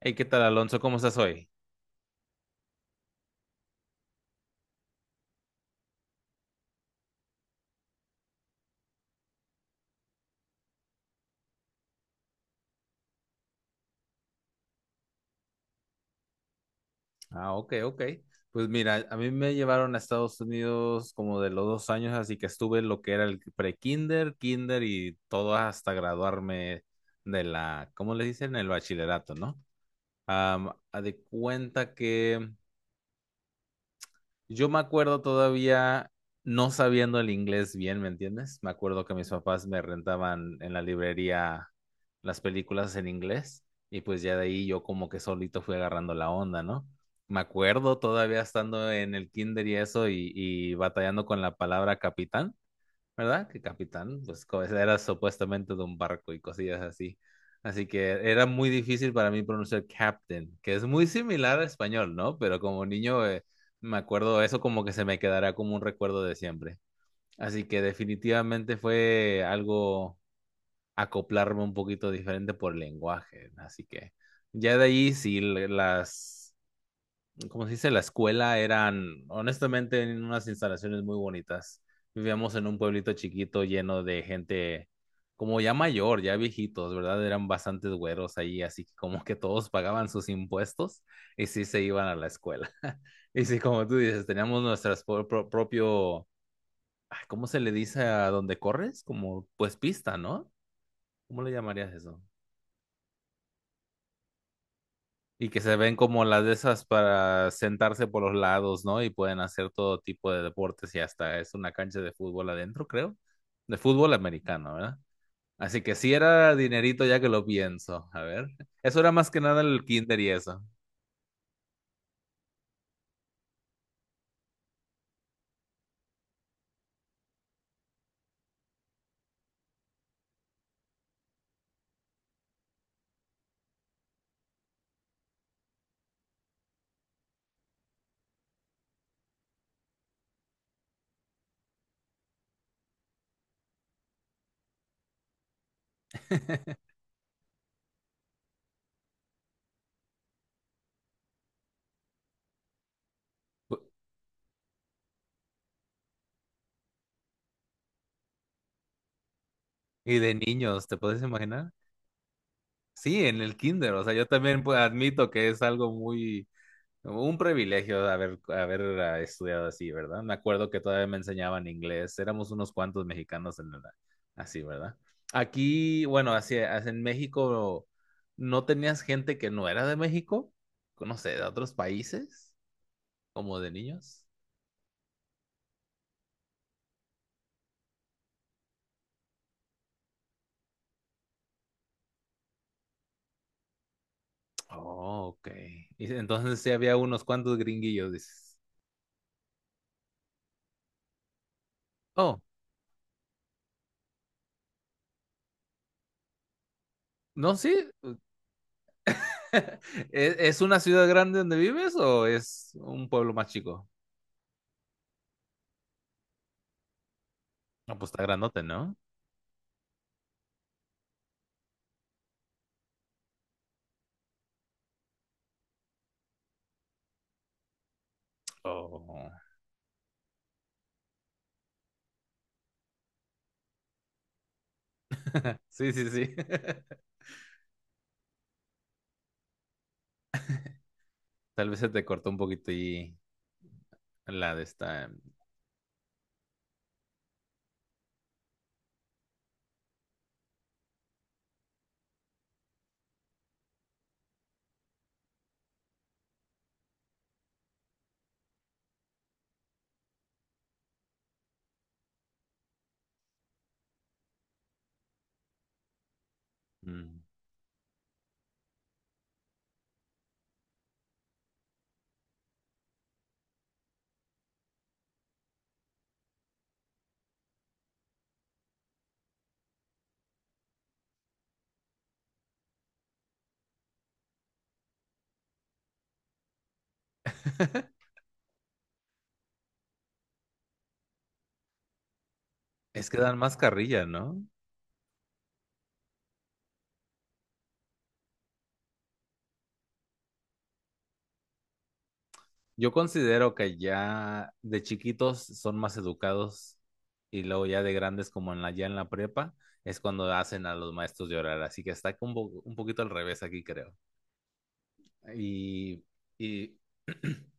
Hey, ¿qué tal, Alonso? ¿Cómo estás hoy? Ah, ok, ok. Pues mira, a mí me llevaron a Estados Unidos como de los 2 años, así que estuve en lo que era el pre-kinder, kinder y todo hasta graduarme de la, ¿cómo le dicen? El bachillerato, ¿no? A de cuenta que yo me acuerdo todavía no sabiendo el inglés bien, ¿me entiendes? Me acuerdo que mis papás me rentaban en la librería las películas en inglés y pues ya de ahí yo como que solito fui agarrando la onda, ¿no? Me acuerdo todavía estando en el kinder y eso y batallando con la palabra capitán. ¿Verdad? Que capitán, pues era supuestamente de un barco y cosillas así. Así que era muy difícil para mí pronunciar captain, que es muy similar al español, ¿no? Pero como niño me acuerdo eso como que se me quedará como un recuerdo de siempre. Así que definitivamente fue algo acoplarme un poquito diferente por lenguaje. Así que ya de ahí sí las, como se dice, la escuela eran, honestamente, en unas instalaciones muy bonitas. Vivíamos en un pueblito chiquito lleno de gente como ya mayor, ya viejitos, ¿verdad? Eran bastantes güeros ahí, así que como que todos pagaban sus impuestos y sí se iban a la escuela. Y sí, como tú dices, teníamos nuestras propio, ah, ¿cómo se le dice a donde corres? Como pues pista, ¿no? ¿Cómo le llamarías eso? Y que se ven como las de esas para sentarse por los lados, ¿no? Y pueden hacer todo tipo de deportes y hasta es una cancha de fútbol adentro, creo. De fútbol americano, ¿verdad? Así que sí era dinerito ya que lo pienso. A ver, eso era más que nada el kinder y eso. Pu- Y de niños, ¿te puedes imaginar? Sí, en el kinder, o sea, yo también pues, admito que es algo muy un privilegio de haber estudiado así, ¿verdad? Me acuerdo que todavía me enseñaban inglés. Éramos unos cuantos mexicanos en la, así, ¿verdad? Aquí, bueno, así, así en México, ¿no tenías gente que no era de México? No sé, de otros países, como de niños. Oh, ok. Y entonces sí había unos cuantos gringuillos, dices. Oh, no, sí. Es una ciudad grande donde vives o es un pueblo más chico? No, pues está grandote, ¿no? Oh. Sí, sí, sí. Tal vez se te cortó un poquito y la de esta. Mm. Es que dan más carrilla, ¿no? Yo considero que ya de chiquitos son más educados y luego ya de grandes como en la, ya en la prepa es cuando hacen a los maestros llorar. Así que está un, un poquito al revés aquí, creo. Y, y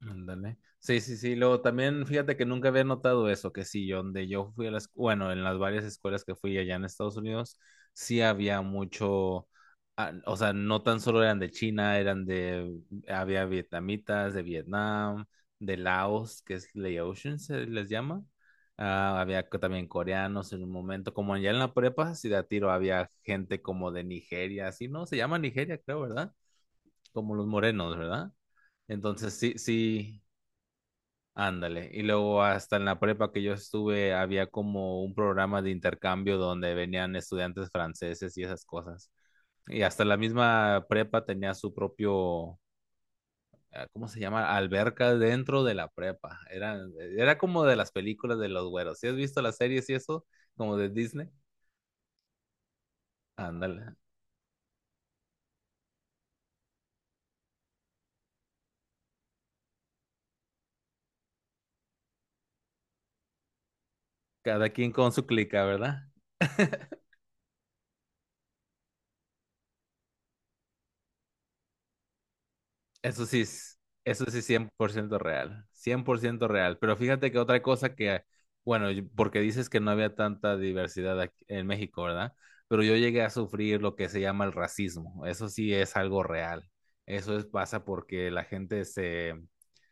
ándale. Sí, sí, sí. Luego también, fíjate que nunca había notado eso, que sí, yo donde yo fui a las, bueno, en las varias escuelas que fui allá en Estados Unidos, sí había mucho, o sea, no tan solo eran de China, eran de, había vietnamitas, de Vietnam, de Laos, que es Laotian, se les llama. Ah, había también coreanos en un momento, como allá en la prepa, sí de a tiro había gente como de Nigeria, así, ¿no? Se llama Nigeria, creo, ¿verdad? Como los morenos, ¿verdad? Entonces, sí, sí. Ándale, y luego hasta en la prepa que yo estuve había como un programa de intercambio donde venían estudiantes franceses y esas cosas. Y hasta la misma prepa tenía su propio, ¿cómo se llama? Alberca dentro de la prepa. Era, era como de las películas de los güeros. ¿Sí has visto las series y eso? Como de Disney. Ándale, cada quien con su clica, ¿verdad? Eso sí es, eso sí 100% real, 100% real. Pero fíjate que otra cosa que, bueno, yo, porque dices que no había tanta diversidad aquí en México, ¿verdad? Pero yo llegué a sufrir lo que se llama el racismo. Eso sí es algo real. Eso es, pasa porque la gente se,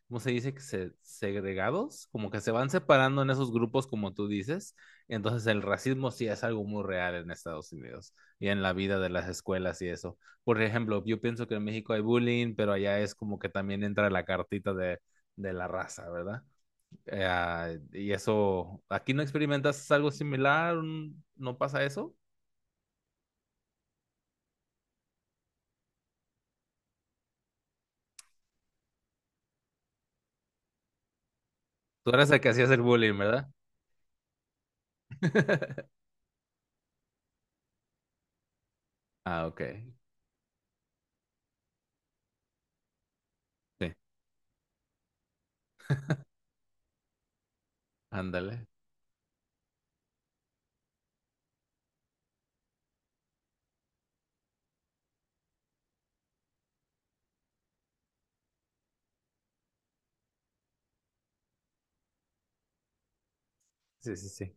¿cómo se dice? Que se, segregados, como que se van separando en esos grupos, como tú dices. Entonces el racismo sí es algo muy real en Estados Unidos y en la vida de las escuelas y eso. Por ejemplo, yo pienso que en México hay bullying, pero allá es como que también entra la cartita de la raza, ¿verdad? Y eso, ¿aquí no experimentas algo similar? ¿No pasa eso? Tú eras el que hacías el bullying, ¿verdad? Ah, ok. Sí, ándale. Sí, sí, sí.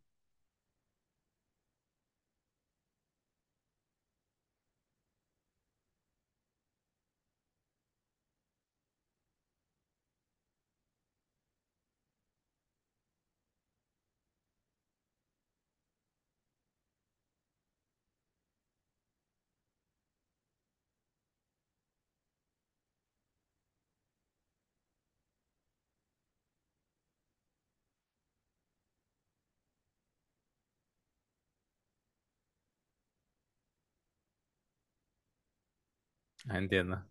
Ah, entiendo.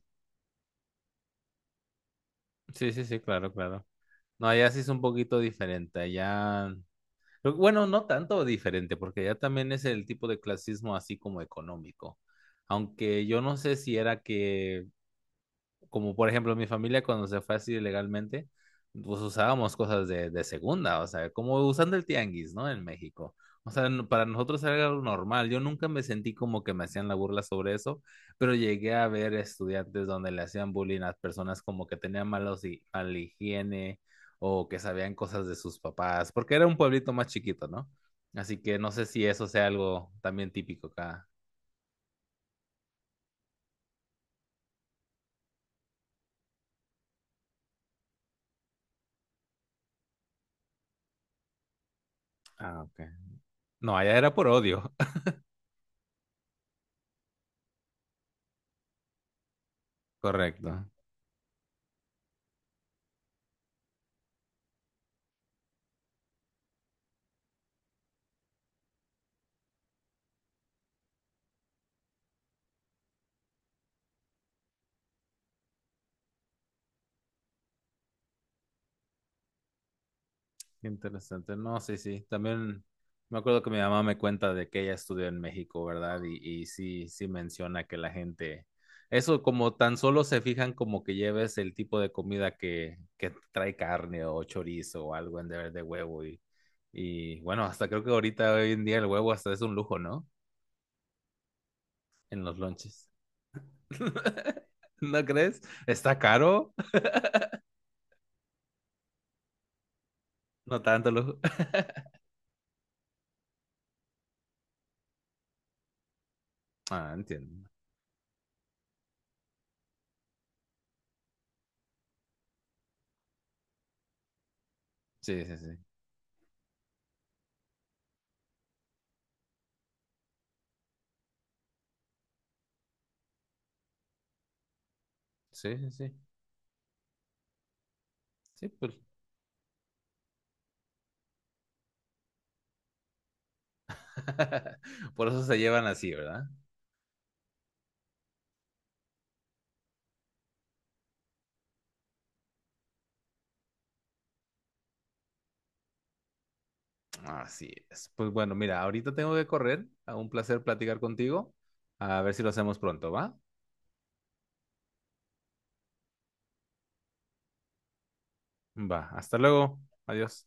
Sí, sí, sí, claro, claro. No, allá sí es un poquito diferente. Allá, pero bueno, no tanto diferente, porque allá también es el tipo de clasismo así como económico. Aunque yo no sé si era que como por ejemplo mi familia cuando se fue así ilegalmente, pues usábamos cosas de segunda, o sea, como usando el tianguis, ¿no? En México. O sea, para nosotros era algo normal. Yo nunca me sentí como que me hacían la burla sobre eso, pero llegué a ver estudiantes donde le hacían bullying a personas como que tenían malos mala higiene o que sabían cosas de sus papás, porque era un pueblito más chiquito, ¿no? Así que no sé si eso sea algo también típico acá. Ah, ok. No, allá era por odio. Correcto. Qué interesante. No, sí, sí. También me acuerdo que mi mamá me cuenta de que ella estudió en México, ¿verdad? Y sí, sí menciona que la gente, eso como tan solo se fijan como que lleves el tipo de comida que trae carne o chorizo o algo en de huevo. Y bueno, hasta creo que ahorita hoy en día el huevo hasta es un lujo, ¿no? En los lonches. ¿No crees? ¿Está caro? No tanto lujo. Ah, entiendo. Sí, sí, sí. Sí, sí, sí. Sí, pues. Por eso se llevan así, ¿verdad? Así es. Pues bueno, mira, ahorita tengo que correr. A un placer platicar contigo. A ver si lo hacemos pronto, ¿va? Va. Hasta luego. Adiós.